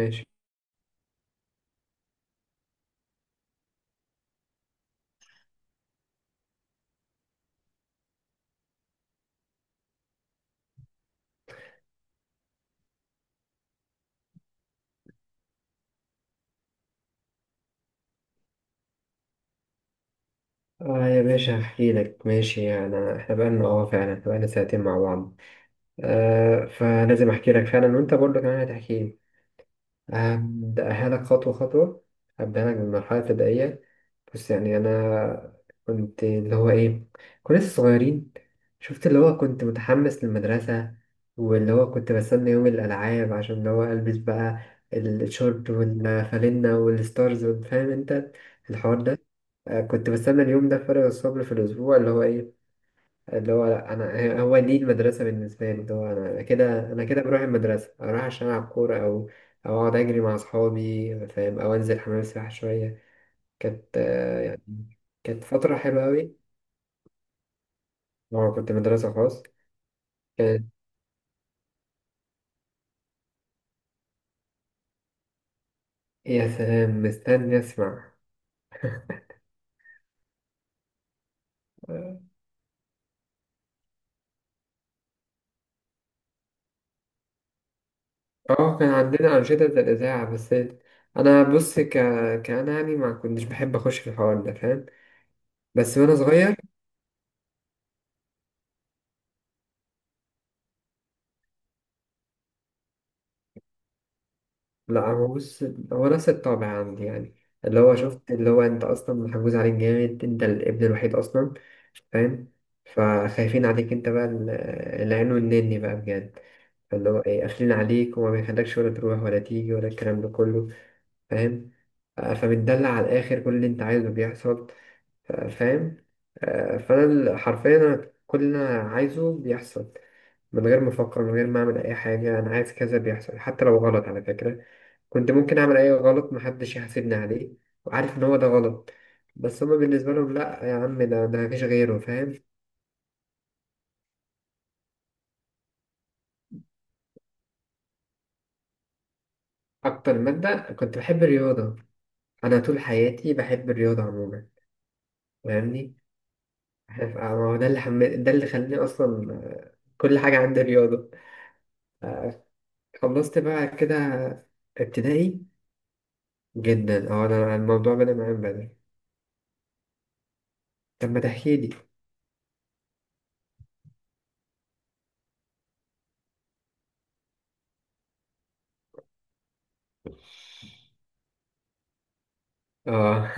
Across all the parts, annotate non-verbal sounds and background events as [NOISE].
ماشي، اه، يا باشا، هحكي لك. ماشي، يعني، احنا بقالنا، فعلا، احنا بقالنا ساعتين مع بعض. آه، فلازم احكي لك فعلا، وانت برضه كمان هتحكي لي. هبدأها لك خطوة خطوة. هبدأها لك بالمرحلة الابتدائية. بس يعني أنا كنت اللي هو إيه كنا لسه صغيرين. شفت اللي هو كنت متحمس للمدرسة، واللي هو كنت بستنى يوم الألعاب عشان اللي هو ألبس بقى الشورت والفانلة والستارز. فاهم أنت الحوار ده؟ كنت بستنى اليوم ده فارغ الصبر في الأسبوع. اللي هو لا، انا هو دي المدرسه بالنسبه لي، اللي هو انا كده بروح المدرسه، اروح عشان العب كوره، او اقعد اجري مع اصحابي، فاهم؟ او انزل حمام السباحه شويه. كانت آه، يعني كانت فتره حلوه قوي. هو كنت مدرسه خاص. كانت. يا سلام، مستني اسمع. اه، كان عندنا انشطه زي الاذاعه، بس. انا بص، كان، يعني ما كنتش بحب اخش في الحوار ده، فاهم؟ بس وانا صغير. لا، هو بص، هو نفس الطابع عندي، يعني اللي هو مم. شفت اللي هو انت اصلا محجوز عليك جامد. انت الابن الوحيد اصلا، فاهم؟ فخايفين عليك انت بقى، العين والنني بقى، بجد. فاللي هو ايه قافلين عليك، وما بيخلكش ولا تروح ولا تيجي، ولا الكلام ده كله، فاهم؟ فمتدلع على الاخر، كل اللي انت عايزه بيحصل. فاهم. حرفيا، أنا كل اللي انا عايزه بيحصل، من غير ما افكر، من غير ما اعمل اي حاجه. انا عايز كذا، بيحصل، حتى لو غلط على فكره. كنت ممكن اعمل اي غلط محدش يحاسبني عليه، وعارف ان هو ده غلط. بس هما بالنسبه لهم، لا يا عم، ده مفيش غيره، فاهم؟ اكتر ماده كنت بحب الرياضه. انا طول حياتي بحب الرياضه عموما. فاهمني. عارف، ما هو ده اللي خلاني اصلا، كل حاجه عندي رياضه. خلصت بقى كده ابتدائي. جدا، اه، انا الموضوع بدأ معايا من بدري. طب، ما تحكيلي. اه.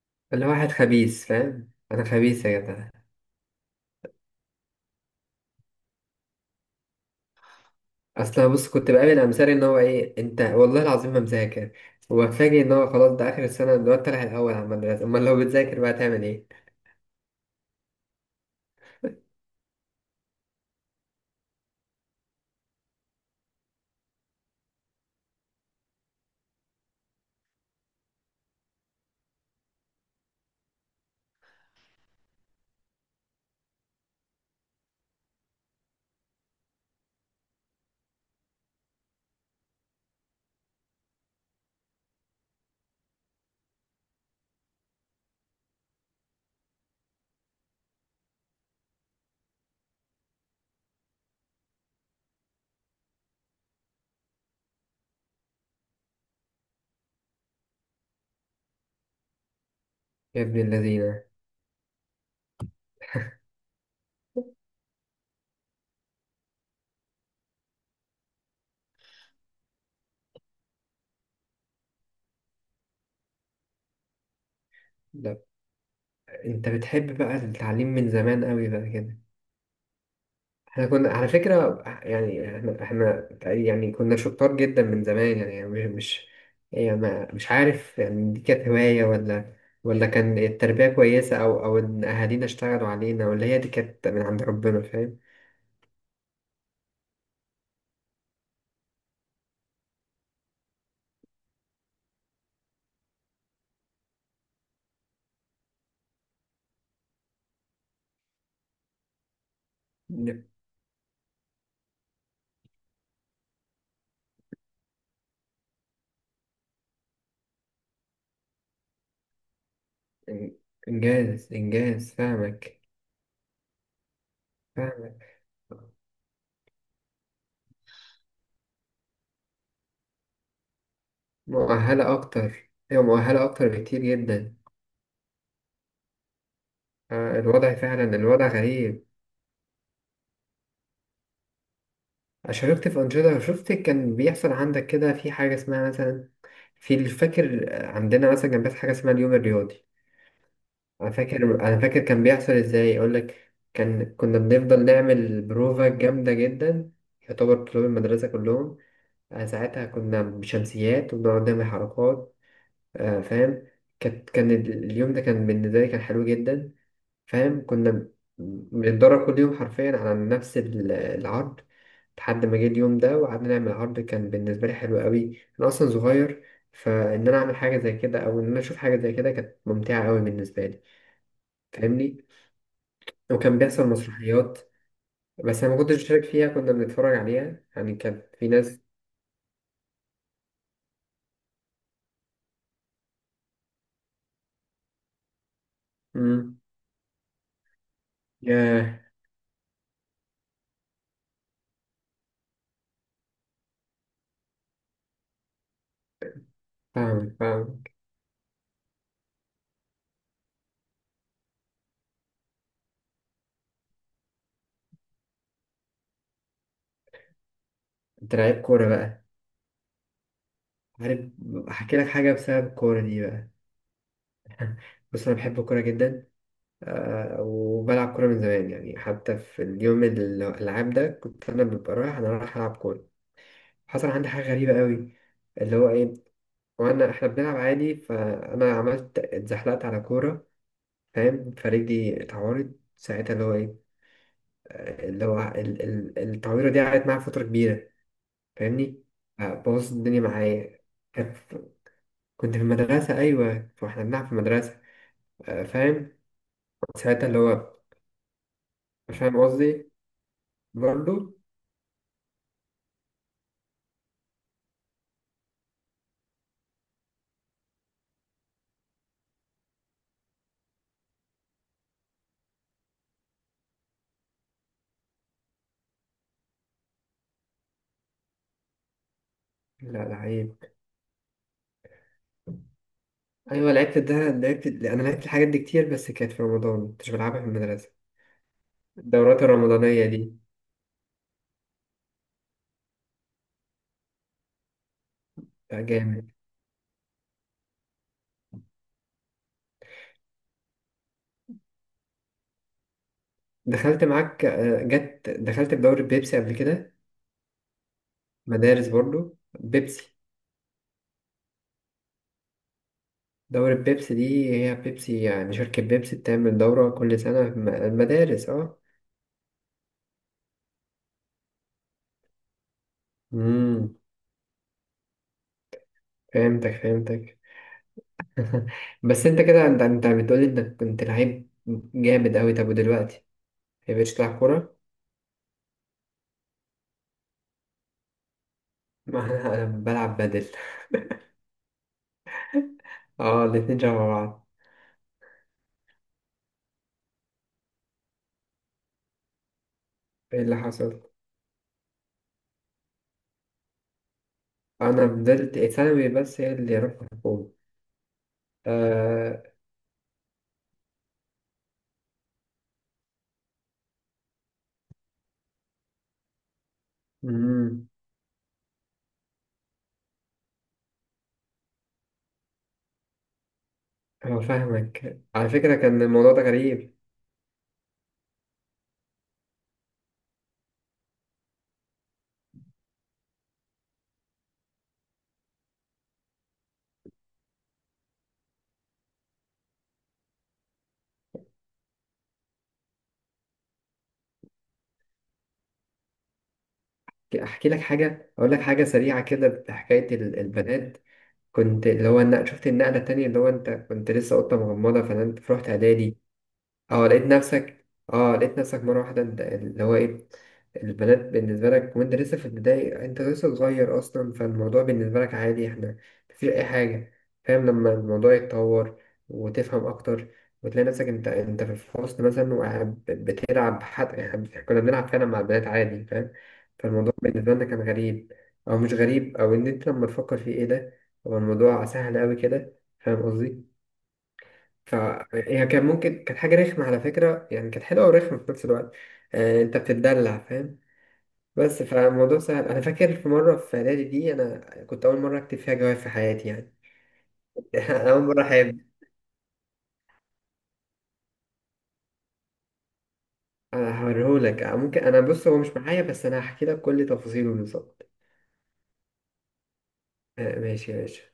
[LAUGHS] انا واحد خبيث، فاهم؟ انا خبيث يا جدع. اصل أنا بص، كنت بقابل امثال، ان هو ايه انت والله العظيم ما مذاكر. وفاجئ ان هو خلاص، ده اخر السنه، ده انت رايح الاول على المدرسه، امال لو بتذاكر بقى تعمل ايه؟ يا ابن الذين! [LAUGHS] لا، انت بتحب بقى التعليم من زمان قوي بقى كده. احنا كنا على فكرة، يعني احنا يعني كنا شطار جدا من زمان، يعني مش، يعني، مش عارف، يعني دي كانت هواية، ولا كان التربية كويسة، أو إن أهالينا اشتغلوا علينا، ولا هي دي كانت من عند ربنا، فاهم؟ إن- إن- إنجاز إنجاز. فاهمك فاهمك. مؤهلة أكتر، هي مؤهلة أكتر بكتير جدا. الوضع غريب. شاركت في أنشطة. شفت كان بيحصل عندك كده في حاجة اسمها مثلا، في الفاكر عندنا مثلا كان بيحصل حاجة اسمها اليوم الرياضي. أنا فاكر كان بيحصل إزاي أقولك. كنا بنفضل نعمل بروفا جامدة جدا، يعتبر طلاب المدرسة كلهم. ساعتها كنا بشمسيات وبنقعد نعمل حركات. فاهم. اليوم ده كان بالنسبة لي، كان حلو جدا، فاهم؟ كنا بنتدرب كل يوم حرفيا على نفس العرض، لحد ما جه اليوم ده وقعدنا نعمل عرض كان بالنسبة لي حلو قوي. أنا أصلا صغير، فإن أنا أعمل حاجة زي كده أو إن أنا أشوف حاجة زي كده كانت ممتعة قوي بالنسبة لي، فاهمني. وكان بيحصل مسرحيات، بس أنا ما كنتش بشارك فيها، كنا بنتفرج عليها، يعني كان في ناس. مم. ياه! فاهمك فاهمك. أنت لعيب كورة بقى. عارف. أحكي لك حاجة بسبب الكورة دي بقى. [LAUGHS] بص، أنا بحب الكورة جدا. وبلعب كورة من زمان، يعني حتى في اليوم الألعاب ده كنت أنا رايح ألعب كورة. حصل عندي حاجة غريبة قوي، اللي هو إيه وأنا إحنا بنلعب عادي، فأنا اتزحلقت على كورة، فاهم؟ فرجلي اتعورت ساعتها اللي هو إيه آه، اللي هو ال- ال- التعويرة دي قعدت معايا فترة كبيرة، فاهمني. بوظت الدنيا معايا. كان في- كنت في المدرسة، أيوة، وإحنا بنلعب في المدرسة. فاهم، ساعتها. اللي هو فاهم قصدي؟ برضه. لا، لا، عيب. ايوه، لعبت ده لعبت انا لعبت الحاجات دي كتير، بس كانت في رمضان، كنتش بلعبها في المدرسه. الدورات الرمضانيه دي. لا، جامد. دخلت معاك، جت، دخلت في دوري بيبسي قبل كده. مدارس برضو بيبسي. دوري بيبسي دي، هي بيبسي، يعني شركه بيبسي بتعمل دوره كل سنه في المدارس. اه. امم فهمتك فهمتك. [LAUGHS] بس انت كده، انت بتقولي انك كنت لعيب جامد قوي. طب، ودلوقتي، ما بقتش تلعب كوره؟ [LAUGHS] ما أنا بلعب بدل. [LAUGHS] اه، الاتنين شبه بعض. ايه اللي حصل؟ انا فضلت ثانوي، بس هي اللي رحت حكومة. آه، أمم، هو فاهمك على فكرة، كان الموضوع ده غريب. احكي لك حاجة اقول لك حاجة سريعة كده بحكاية البنات. كنت شفت النقلة التانية، اللي هو انت كنت لسه قطة مغمضة، فنمت رحت اعدادي. اه، لقيت نفسك. اه، لقيت نفسك مرة واحدة، انت اللي هو ايه البنات بالنسبة لك، وانت لسه في البداية، انت لسه صغير اصلا، فالموضوع بالنسبة لك عادي. احنا مفيش اي حاجة، فاهم؟ لما الموضوع يتطور وتفهم اكتر وتلاقي نفسك انت في الفصل مثلا وقاعد بتلعب حد، يعني كنا بنلعب فعلا مع البنات عادي، فاهم؟ فالموضوع بالنسبة لنا كان غريب، او مش غريب، او ان انت لما تفكر فيه ايه ده، هو الموضوع سهل اوي كده، فاهم قصدي؟ فهي كان ممكن كانت حاجة رخمة على فكرة، يعني كانت حلوة ورخمة في نفس الوقت. انت بتتدلع، فاهم. بس فالموضوع سهل. انا فاكر في مرة، في اعدادي دي، انا كنت اول مرة اكتب فيها جواب في حياتي، يعني. [LAUGHS] اول مرة احب. انا هوريهولك. ممكن، انا بص، هو مش معايا، بس انا هحكي لك كل تفاصيله بالظبط. آه، ماشي يا باشا.